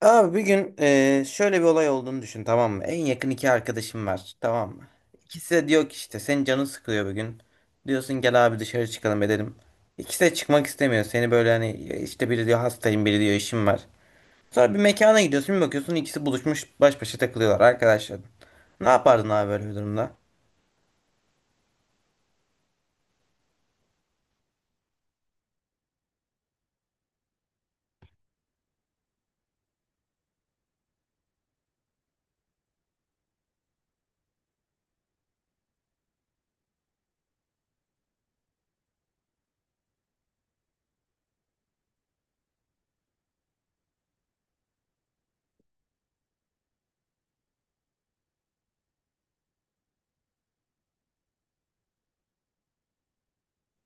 Abi bir gün şöyle bir olay olduğunu düşün, tamam mı? En yakın iki arkadaşım var, tamam mı? İkisi de diyor ki işte senin canın sıkılıyor bugün. Diyorsun gel abi dışarı çıkalım edelim. İkisi de çıkmak istemiyor. Seni böyle hani işte biri diyor hastayım biri diyor işim var. Sonra bir mekana gidiyorsun bir bakıyorsun ikisi buluşmuş baş başa takılıyorlar arkadaşlar. Ne yapardın abi böyle bir durumda?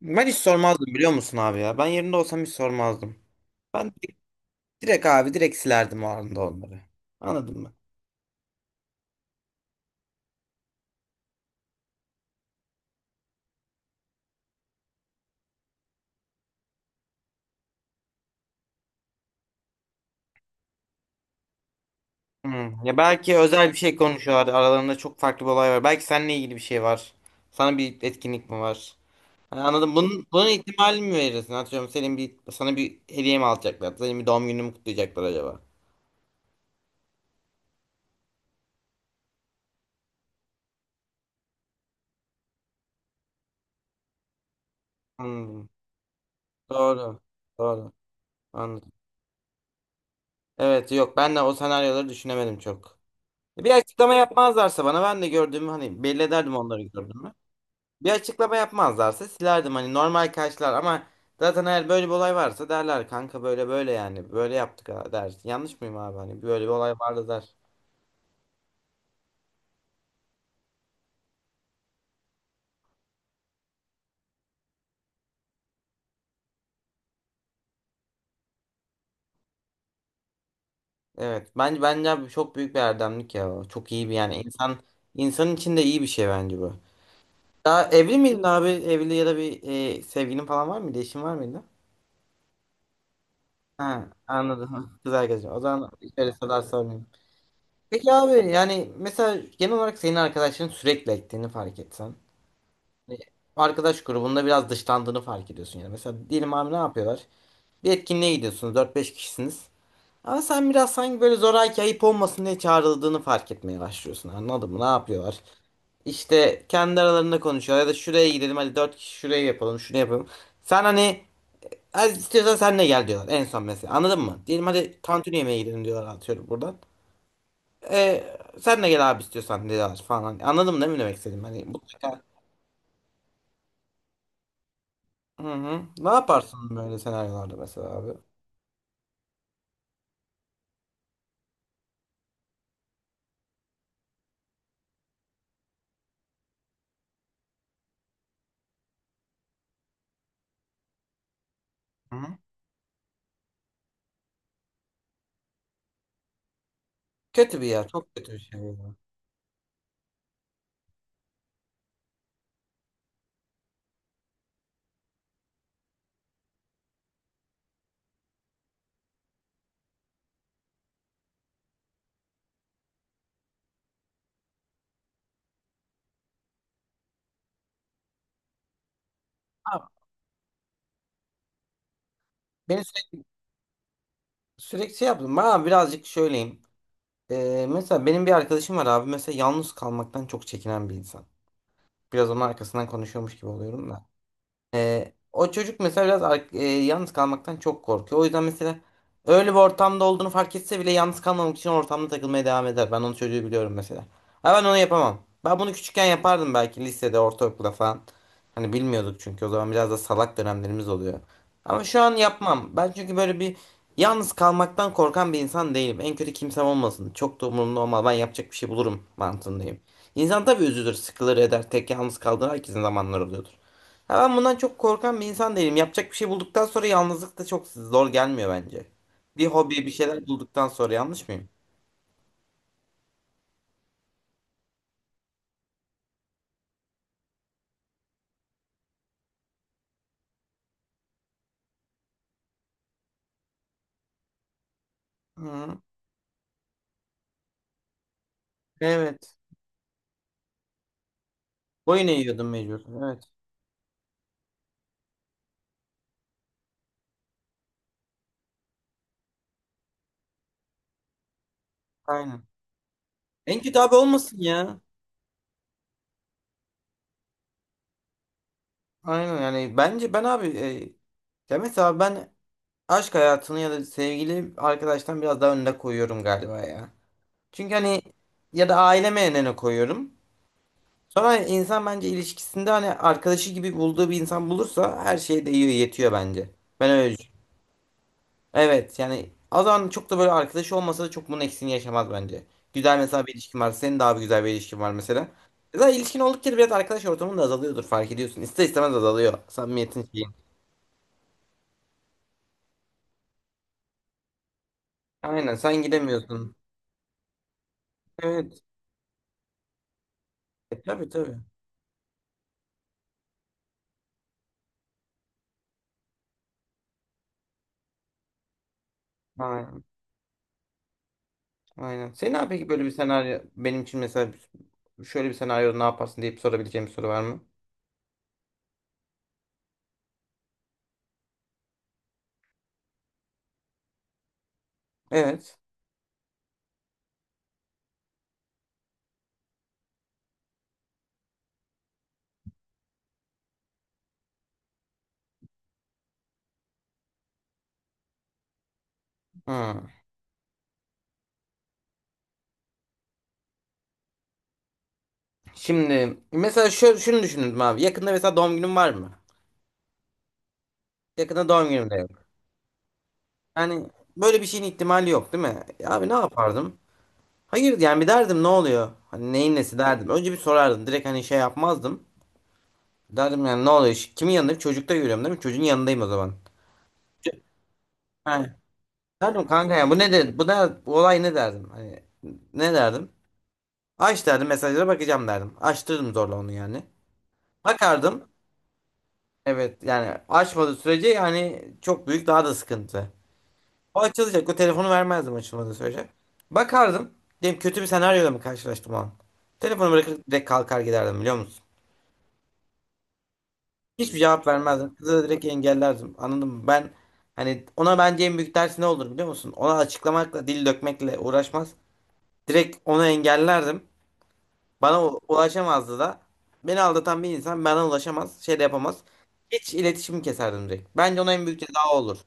Ben hiç sormazdım biliyor musun abi ya? Ben yerinde olsam hiç sormazdım. Ben direkt abi direkt silerdim o anda onları. Anladın mı? Hmm. Ya belki özel bir şey konuşuyorlar. Aralarında çok farklı bir olay var. Belki seninle ilgili bir şey var. Sana bir etkinlik mi var? Hani anladım. Bunun ihtimalini mi verirsin? Atıyorum senin bir sana bir hediye mi alacaklar? Senin bir doğum gününü mü kutlayacaklar acaba? Anladım. Doğru. Doğru. Anladım. Evet yok ben de o senaryoları düşünemedim çok. Bir açıklama yapmazlarsa bana ben de gördüğümü hani belli ederdim, onları gördüğümü. Bir açıklama yapmazlarsa silerdim, hani normal karşılar ama zaten eğer böyle bir olay varsa derler, "Kanka böyle böyle, yani böyle yaptık ha," der. Yanlış mıyım abi, hani böyle bir olay vardı der. Evet, bence abi çok büyük bir erdemlik ya. O. Çok iyi bir yani insan için de iyi bir şey bence bu. Daha evli miydin abi? Evli ya da bir sevgilin falan var mıydı? Eşin var mıydı? Ha, anladım. Kız arkadaşım. O zaman şöyle sorular sormayayım. Peki abi, yani mesela genel olarak senin arkadaşların sürekli ektiğini fark etsen, hani arkadaş grubunda biraz dışlandığını fark ediyorsun yani. Mesela diyelim abi, ne yapıyorlar? Bir etkinliğe gidiyorsunuz, dört beş kişisiniz. Ama sen biraz sanki böyle zoraki ayıp olmasın diye çağrıldığını fark etmeye başlıyorsun. Anladın mı? Ne yapıyorlar? İşte kendi aralarında konuşuyorlar ya da şuraya gidelim hadi 4 kişi, şuraya yapalım şunu yapalım. Sen hani, "Az istiyorsan sen de gel," diyorlar en son mesela, anladın mı? Diyelim hadi tantuni yemeğe gidelim, diyorlar atıyorum buradan. E, Sen de gel abi istiyorsan, diyorlar falan. Anladın mı değil mi demek istediğim? Hani bu. Hı hı. Ne yaparsın böyle senaryolarda mesela abi? Hı hı. Kötü bir yer. Çok kötü bir şey ya. Abi, beni sürekli şey yaptım. Bana birazcık söyleyeyim. Mesela benim bir arkadaşım var abi. Mesela yalnız kalmaktan çok çekinen bir insan. Biraz onun arkasından konuşuyormuş gibi oluyorum da. O çocuk mesela biraz yalnız kalmaktan çok korkuyor. O yüzden mesela öyle bir ortamda olduğunu fark etse bile yalnız kalmamak için ortamda takılmaya devam eder. Ben onun çocuğu biliyorum mesela. Ha, ben onu yapamam. Ben bunu küçükken yapardım belki, lisede, ortaokulda falan. Hani bilmiyorduk çünkü, o zaman biraz da salak dönemlerimiz oluyor. Ama şu an yapmam. Ben çünkü böyle bir, yalnız kalmaktan korkan bir insan değilim. En kötü kimsem olmasın. Çok da umurumda olmaz. Ben yapacak bir şey bulurum mantığındayım. İnsan tabii üzülür, sıkılır, eder. Tek yalnız kaldığı, herkesin zamanları oluyordur. Ha, ben bundan çok korkan bir insan değilim. Yapacak bir şey bulduktan sonra yalnızlık da çok zor gelmiyor bence. Bir hobi, bir şeyler bulduktan sonra yanlış mıyım? Hı, evet. Boyun eğiyordum mecbur. Evet. Aynen. En kötü abi olmasın ya. Aynen, yani bence ben abi ya mesela ben aşk hayatını ya da sevgili arkadaştan biraz daha önüne koyuyorum galiba ya. Çünkü hani, ya da aileme önüne koyuyorum. Sonra insan bence ilişkisinde hani arkadaşı gibi bulduğu bir insan bulursa her şey de iyi yetiyor bence. Ben öyle düşünüyorum. Evet, yani o zaman çok da böyle arkadaşı olmasa da çok bunun eksiğini yaşamaz bence. Güzel mesela bir ilişkin var. Senin daha bir güzel bir ilişkin var mesela. Zaten ilişkin oldukça da biraz arkadaş ortamın da azalıyordur, fark ediyorsun. İster istemez azalıyor samimiyetin şeyin. Aynen, sen gidemiyorsun. Evet. E, tabii tabii. Aynen. Aynen. Senin abi, peki böyle bir senaryo benim için mesela, şöyle bir senaryoda ne yaparsın deyip sorabileceğim bir soru var mı? Evet. Hmm. Şimdi mesela şöyle, şunu düşündüm abi. Yakında mesela doğum günüm var mı? Yakında doğum günüm de yok. Yani böyle bir şeyin ihtimali yok değil mi? E abi, ne yapardım? Hayır yani, bir derdim ne oluyor? Hani neyin nesi derdim. Önce bir sorardım. Direkt hani şey yapmazdım. Derdim yani ne oluyor? Kimin yanındayım? Çocukta görüyorum değil mi? Çocuğun yanındayım o zaman. Ç- He. Derdim kanka ya bu ne, de bu da bu olay ne derdim? Hani ne derdim? Aç derdim, mesajlara bakacağım derdim. Açtırdım zorla onu yani. Bakardım. Evet yani, açmadığı sürece yani çok büyük daha da sıkıntı. O açılacak. O telefonu vermezdim açılmadığı sürece. Bakardım. Diyelim kötü bir senaryoyla mı karşılaştım o an? Telefonu bırakıp direkt kalkar giderdim, biliyor musun? Hiçbir cevap vermezdim. Kızı da direkt engellerdim. Anladın mı? Ben hani, ona bence en büyük ders ne olur biliyor musun? Ona açıklamakla, dil dökmekle uğraşmaz. Direkt onu engellerdim. Bana ulaşamazdı da. Beni aldatan bir insan bana ulaşamaz, şey de yapamaz. Hiç iletişimi keserdim direkt. Bence ona en büyük ceza o olur.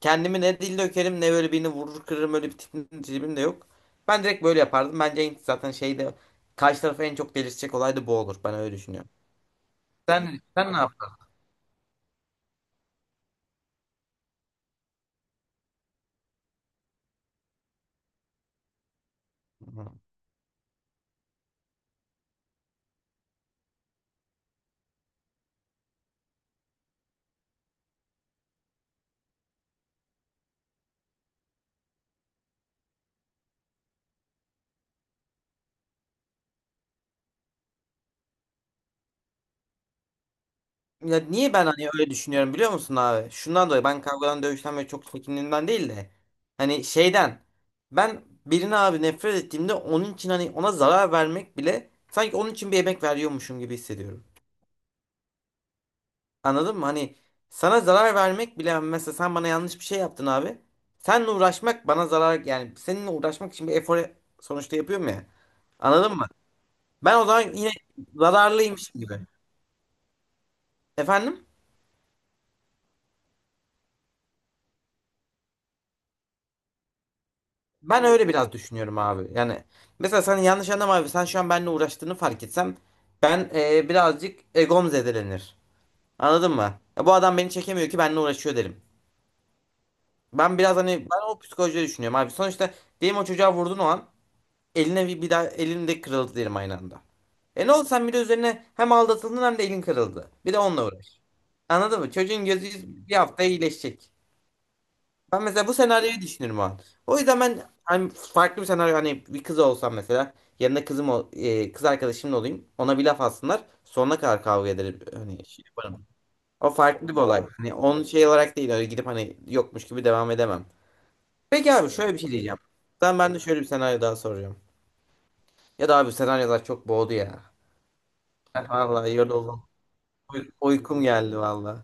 Kendimi ne dil dökerim ne böyle birini vurur kırırım, öyle bir tipim de yok. Ben direkt böyle yapardım. Bence en, zaten şeyde karşı tarafı en çok delirtecek olay da bu olur. Ben öyle düşünüyorum. Sen ne yaptın? Ya niye, ben hani öyle düşünüyorum biliyor musun abi? Şundan dolayı, ben kavgadan dövüşten böyle çok çekindiğimden değil de hani şeyden, ben birine abi nefret ettiğimde onun için hani ona zarar vermek bile sanki onun için bir emek veriyormuşum gibi hissediyorum. Anladın mı? Hani sana zarar vermek bile hani, mesela sen bana yanlış bir şey yaptın abi. Seninle uğraşmak bana zarar, yani seninle uğraşmak için bir efor sonuçta yapıyorum ya. Anladın mı? Ben o zaman yine zararlıymışım gibi. Efendim? Ben öyle biraz düşünüyorum abi. Yani mesela sen yanlış anlama abi. Sen şu an benimle uğraştığını fark etsem, ben birazcık egom zedelenir. Anladın mı? Ya bu adam beni çekemiyor ki benimle uğraşıyor derim. Ben biraz hani ben o psikolojide düşünüyorum abi. Sonuçta diyelim o çocuğa vurdun o an, eline bir daha elim de kırıldı derim aynı anda. E ne oldu, sen bir de üzerine hem aldatıldın hem de elin kırıldı. Bir de onunla uğraş. Anladın mı? Çocuğun gözü bir hafta iyileşecek. Ben mesela bu senaryoyu düşünürüm o an. O yüzden ben hani farklı bir senaryo, hani bir kız olsam mesela, yanında kızım kız arkadaşımla olayım. Ona bir laf atsınlar. Sonuna kadar kavga ederim. Hani şey yaparım. O farklı bir olay. Hani onun şey olarak değil, öyle gidip hani yokmuş gibi devam edemem. Peki abi, şöyle bir şey diyeceğim. Ben de şöyle bir senaryo daha soracağım. Ya da abi senaryolar çok boğdu ya. Ben vallahi yoruldum. Uykum geldi vallahi.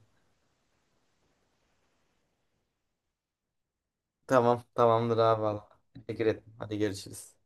Tamam, tamamdır abi vallahi. Teşekkür ederim. Hadi görüşürüz.